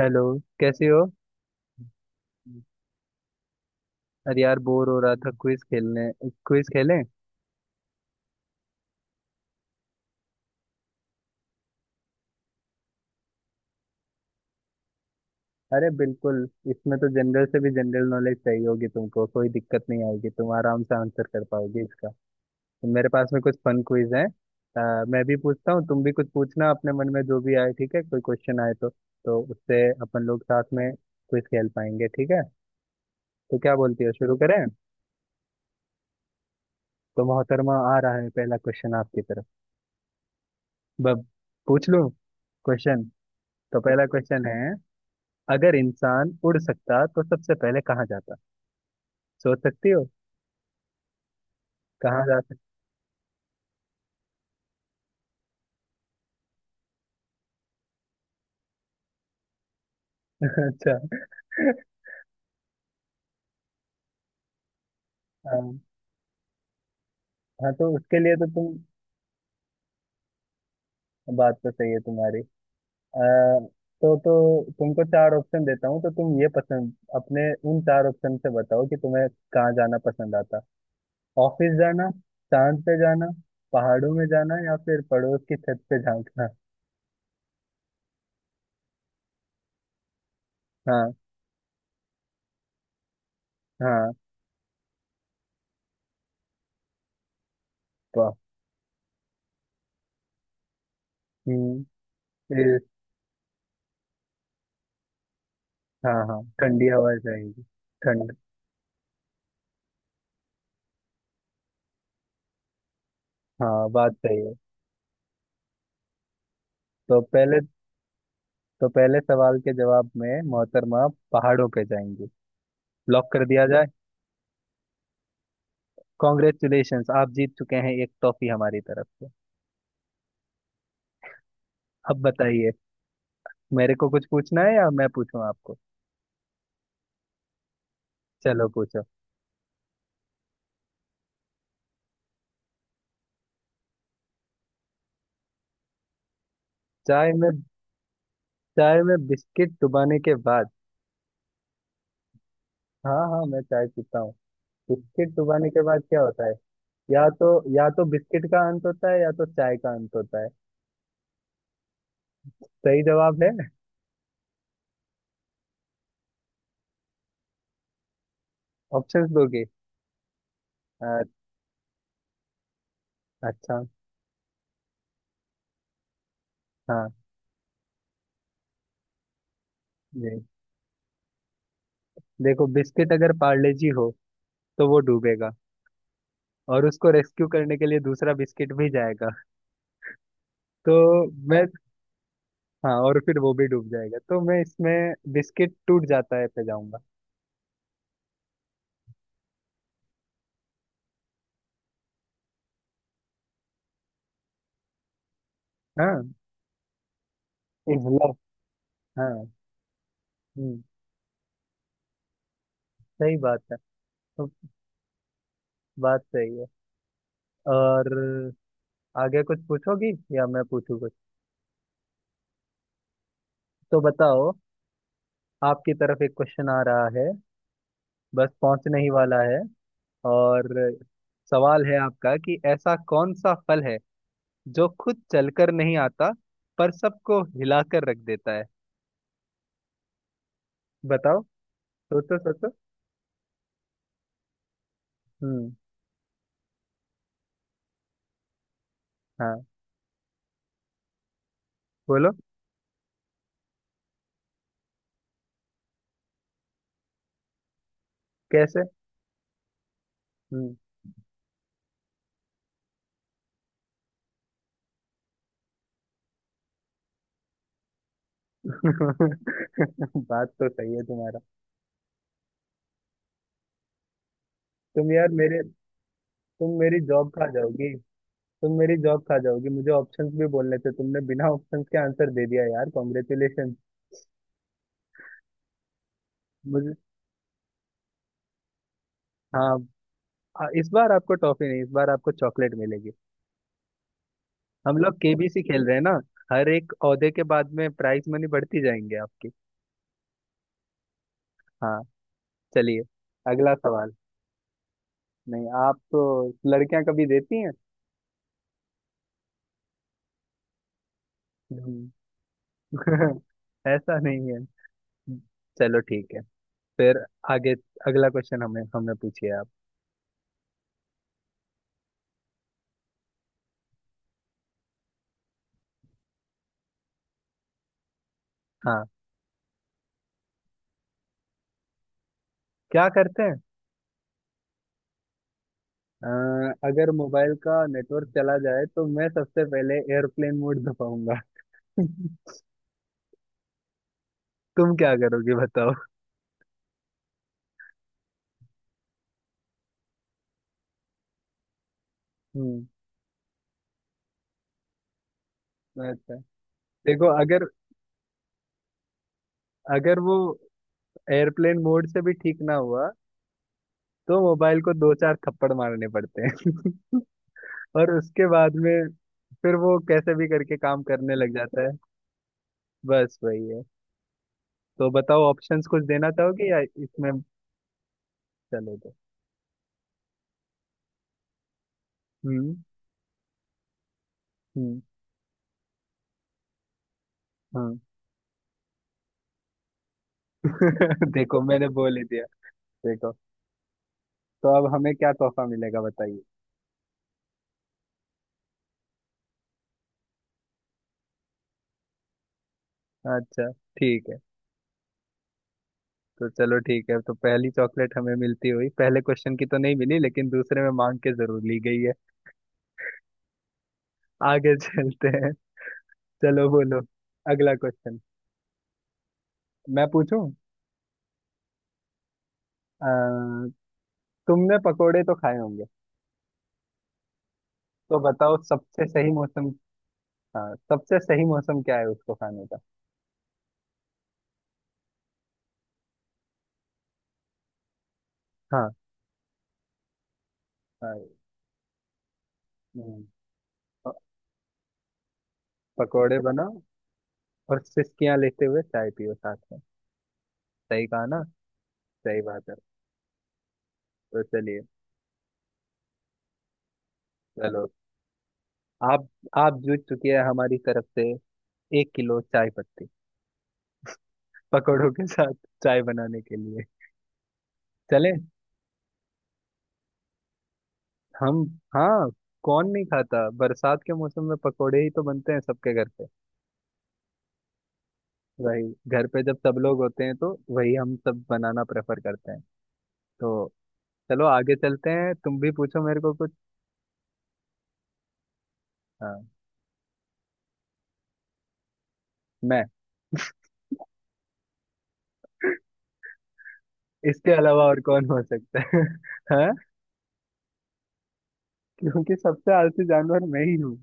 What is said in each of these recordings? Hello. कैसे हो? अरे यार, बोर हो रहा था क्विज खेलने। क्विज खेलें? अरे बिल्कुल। इसमें तो जनरल से भी जनरल नॉलेज चाहिए होगी, तुमको कोई दिक्कत नहीं आएगी, तुम आराम से आंसर कर पाओगे इसका। तो मेरे पास में कुछ फन क्विज है। मैं भी पूछता हूँ, तुम भी कुछ पूछना अपने मन में जो भी आए। ठीक है? कोई क्वेश्चन आए तो उससे अपन लोग साथ में क्विज खेल पाएंगे। ठीक है? तो क्या बोलती हो, शुरू करें? तो मोहतरमा, आ रहा है पहला क्वेश्चन आपकी तरफ। बब पूछ लूं क्वेश्चन? तो पहला क्वेश्चन है। अगर इंसान उड़ सकता तो सबसे पहले कहाँ जाता? सोच सकती हो? कहाँ जा सकता? अच्छा। हाँ। हाँ, तो उसके लिए तो तुम। बात तो सही है तुम्हारी। आ, तो तुमको चार ऑप्शन देता हूँ, तो तुम ये पसंद अपने उन चार ऑप्शन से बताओ कि तुम्हें कहाँ जाना पसंद आता। ऑफिस जाना, चांद पे जाना, पहाड़ों में जाना, या फिर पड़ोस की छत पे झांकना। हाँ। हाँ। वाह। हम्म। ये- हाँ, हाँ, ठंडी हवा चाहिए। ठंड। हाँ, बात सही है। तो पहले तो पहले सवाल के जवाब में, मोहतरमा, पहाड़ों पे जाएंगी। लॉक कर दिया जाए। कॉन्ग्रेचुलेशंस, आप जीत चुके हैं एक टॉफी हमारी तरफ से। अब बताइए, मेरे को कुछ पूछना है या मैं पूछूं आपको? चलो, पूछो। चाय में चाय में बिस्किट डुबाने के बाद। हाँ, हाँ, मैं चाय पीता हूँ। बिस्किट डुबाने के बाद क्या होता है? या तो या तो बिस्किट का अंत होता है या तो चाय का अंत होता है। सही जवाब है। ऑप्शंस दोगे? अ- अच्छा। हाँ। जी, देखो बिस्किट अगर पार्ले जी हो तो वो डूबेगा, और उसको रेस्क्यू करने के लिए दूसरा बिस्किट भी जाएगा। तो मैं। हाँ, और फिर वो भी डूब जाएगा, तो मैं इसमें बिस्किट टूट जाता है पे जाऊंगा। हाँ। इजला। हाँ। हम्म। सही बात है। तो बात सही है। और आगे कुछ पूछोगी या मैं पूछूं कुछ? तो बताओ, आपकी तरफ एक क्वेश्चन आ रहा है, बस पहुंचने ही वाला है। और सवाल है आपका कि ऐसा कौन सा फल है जो खुद चलकर नहीं आता पर सबको हिलाकर रख देता है? बताओ। सोचो, सोचो। हम्म। हाँ, बोलो। कैसे? हम्म। बात तो सही है तुम्हारा। तुम यार मेरे। तुम मेरी जॉब खा जाओगी। तुम मेरी जॉब खा जाओगी, मुझे ऑप्शंस भी बोलने थे, तुमने बिना ऑप्शंस के आंसर दे दिया यार। कॉन्ग्रेचुलेशन। मुझे। हाँ। इस बार आपको टॉफी नहीं, इस बार आपको चॉकलेट मिलेगी। हम लोग केबीसी खेल रहे हैं ना। हर एक ओहदे के बाद में प्राइस मनी बढ़ती जाएंगे आपकी। हाँ, चलिए, अगला सवाल। नहीं, आप तो, लड़कियां कभी देती हैं। ऐसा नहीं है। चलो ठीक है। फिर आगे अगला क्वेश्चन हमें हमने पूछिए आप। हाँ। क्या करते हैं? अ, अगर मोबाइल का नेटवर्क चला जाए तो मैं सबसे पहले एयरप्लेन मोड दबाऊंगा। तुम क्या करोगे, बताओ। हम्म। अच्छा। देखो, अगर अगर वो एयरप्लेन मोड से भी ठीक ना हुआ, तो मोबाइल को दो चार थप्पड़ मारने पड़ते हैं। और उसके बाद में फिर वो कैसे भी करके काम करने लग जाता है। बस वही है। तो बताओ, ऑप्शंस कुछ देना चाहोगे या इसमें? चले तो। हम्म। हम्म। हाँ। देखो, मैंने बोल ही दिया। देखो, तो अब हमें क्या तोहफा मिलेगा बताइए? अच्छा, ठीक है। तो चलो ठीक है, तो पहली चॉकलेट हमें मिलती हुई पहले क्वेश्चन की तो नहीं मिली, लेकिन दूसरे में मांग के जरूर ली गई है। आगे चलते हैं। चलो, बोलो। अगला क्वेश्चन मैं पूछूं? अ, तुमने पकोड़े तो खाए होंगे। तो बताओ सबसे सही मौसम। हाँ, सबसे सही मौसम क्या है उसको खाने का? हाँ। हम्म। प- पकोड़े बनाओ और सिसकियां लेते हुए चाय पियो साथ में। सही कहा ना? सही बात है। तो चलिए, चलो, आप आप जीत चुकी है हमारी तरफ से एक किलो चाय पत्ती, पकौड़ों के साथ चाय बनाने के लिए। चले? हम। हाँ, कौन नहीं खाता? बरसात के मौसम में पकोड़े ही तो बनते हैं सबके घर पे। वही घर पे जब सब लोग होते हैं तो वही हम सब बनाना प्रेफर करते हैं। तो चलो आगे चलते हैं, तुम भी पूछो मेरे को कुछ। हाँ। मैं। इसके अलावा और कौन हो सकता है? हाँ, क्योंकि सबसे आलसी जानवर मैं ही हूँ।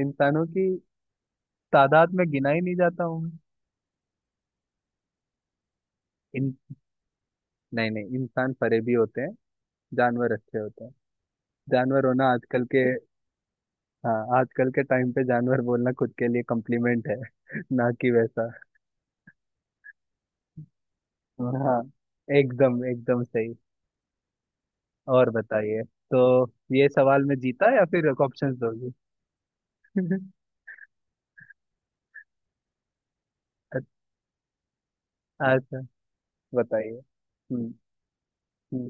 इंसानों की तादाद में गिना ही नहीं जाता हूँ मैं। इन नहीं, नहीं, इंसान फरे भी होते हैं। जानवर अच्छे होते हैं। जानवर होना आजकल के। हाँ, आजकल के टाइम पे जानवर बोलना खुद के लिए कॉम्प्लीमेंट है। ना कि वैसा। हाँ, एकदम, एकदम सही। और बताइए। तो ये सवाल मैं जीता या फिर ऑप्शंस दोगी? अच्छा, बताइए। हम्म। हम्म।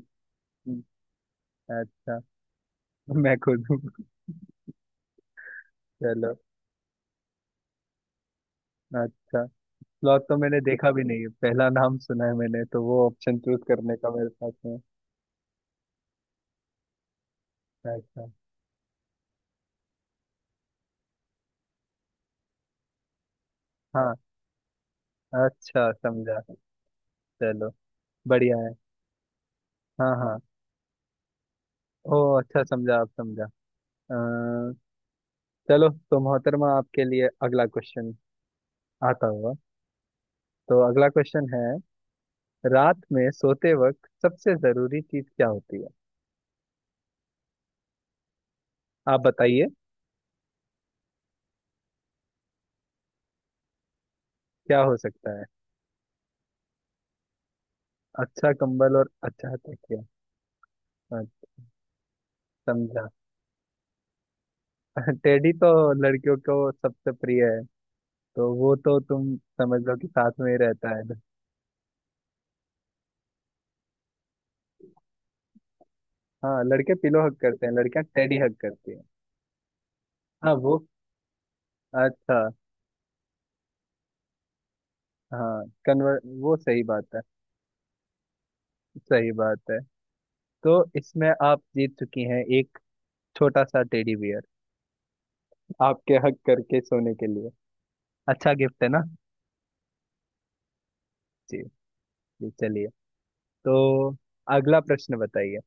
हम्म। अच्छा। मैं खुद हूँ। चलो। अच्छा, स्लॉथ तो मैंने देखा भी नहीं है, पहला नाम सुना है मैंने, तो वो ऑप्शन चूज करने का मेरे पास में। अच्छा। हाँ, अच्छा समझा। चलो, बढ़िया है। हाँ, हाँ। ओ, अच्छा समझा, आप समझा। अ, चलो तो मोहतरमा आपके लिए अगला क्वेश्चन आता हुआ। तो अगला क्वेश्चन है, रात में सोते वक्त सबसे जरूरी चीज क्या होती है? आप बताइए, क्या हो सकता है? अच्छा कंबल और अच्छा तकिया। अ, समझा। टेडी तो लड़कियों को सबसे प्रिय है। तो वो तो तुम समझ लो कि साथ में ही रहता है। हाँ, लड़के पिलो हग करते हैं, लड़कियां टेडी हग करती हैं। हाँ, वो। अच्छा। हाँ, कन्वर वो, सही बात है। सही बात है। तो इसमें आप जीत चुकी हैं एक छोटा सा टेडी बियर, आपके हग करके सोने के लिए। अच्छा गिफ्ट है ना? जी। जी, चलिए। तो अगला प्रश्न बताइए।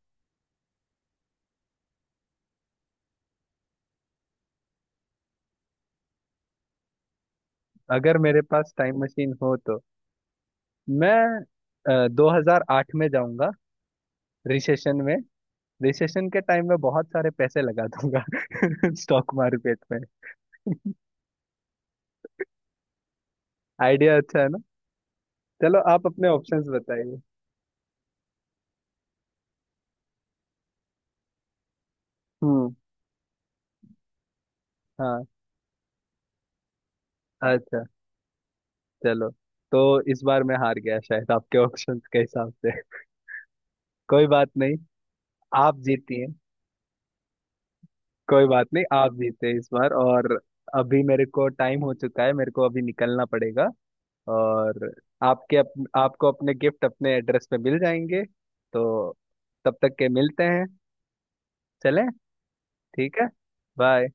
अगर मेरे पास टाइम मशीन हो तो मैं 2008 में जाऊंगा, रिसेशन में रिसेशन के टाइम में बहुत सारे पैसे लगा दूंगा स्टॉक मार्केट में। आइडिया अच्छा है ना? चलो, आप अपने ऑप्शंस बताइए। हम्म। हाँ। अच्छा। चलो, तो इस बार मैं हार गया शायद आपके ऑप्शंस के हिसाब से। कोई बात नहीं, आप जीती हैं। कोई बात नहीं, आप जीते इस बार। और अभी मेरे को टाइम हो चुका है, मेरे को अभी निकलना पड़ेगा। और आपको अपने गिफ्ट अपने एड्रेस पे मिल जाएंगे। तो तब तक के मिलते हैं। चलें? ठीक है। बाय।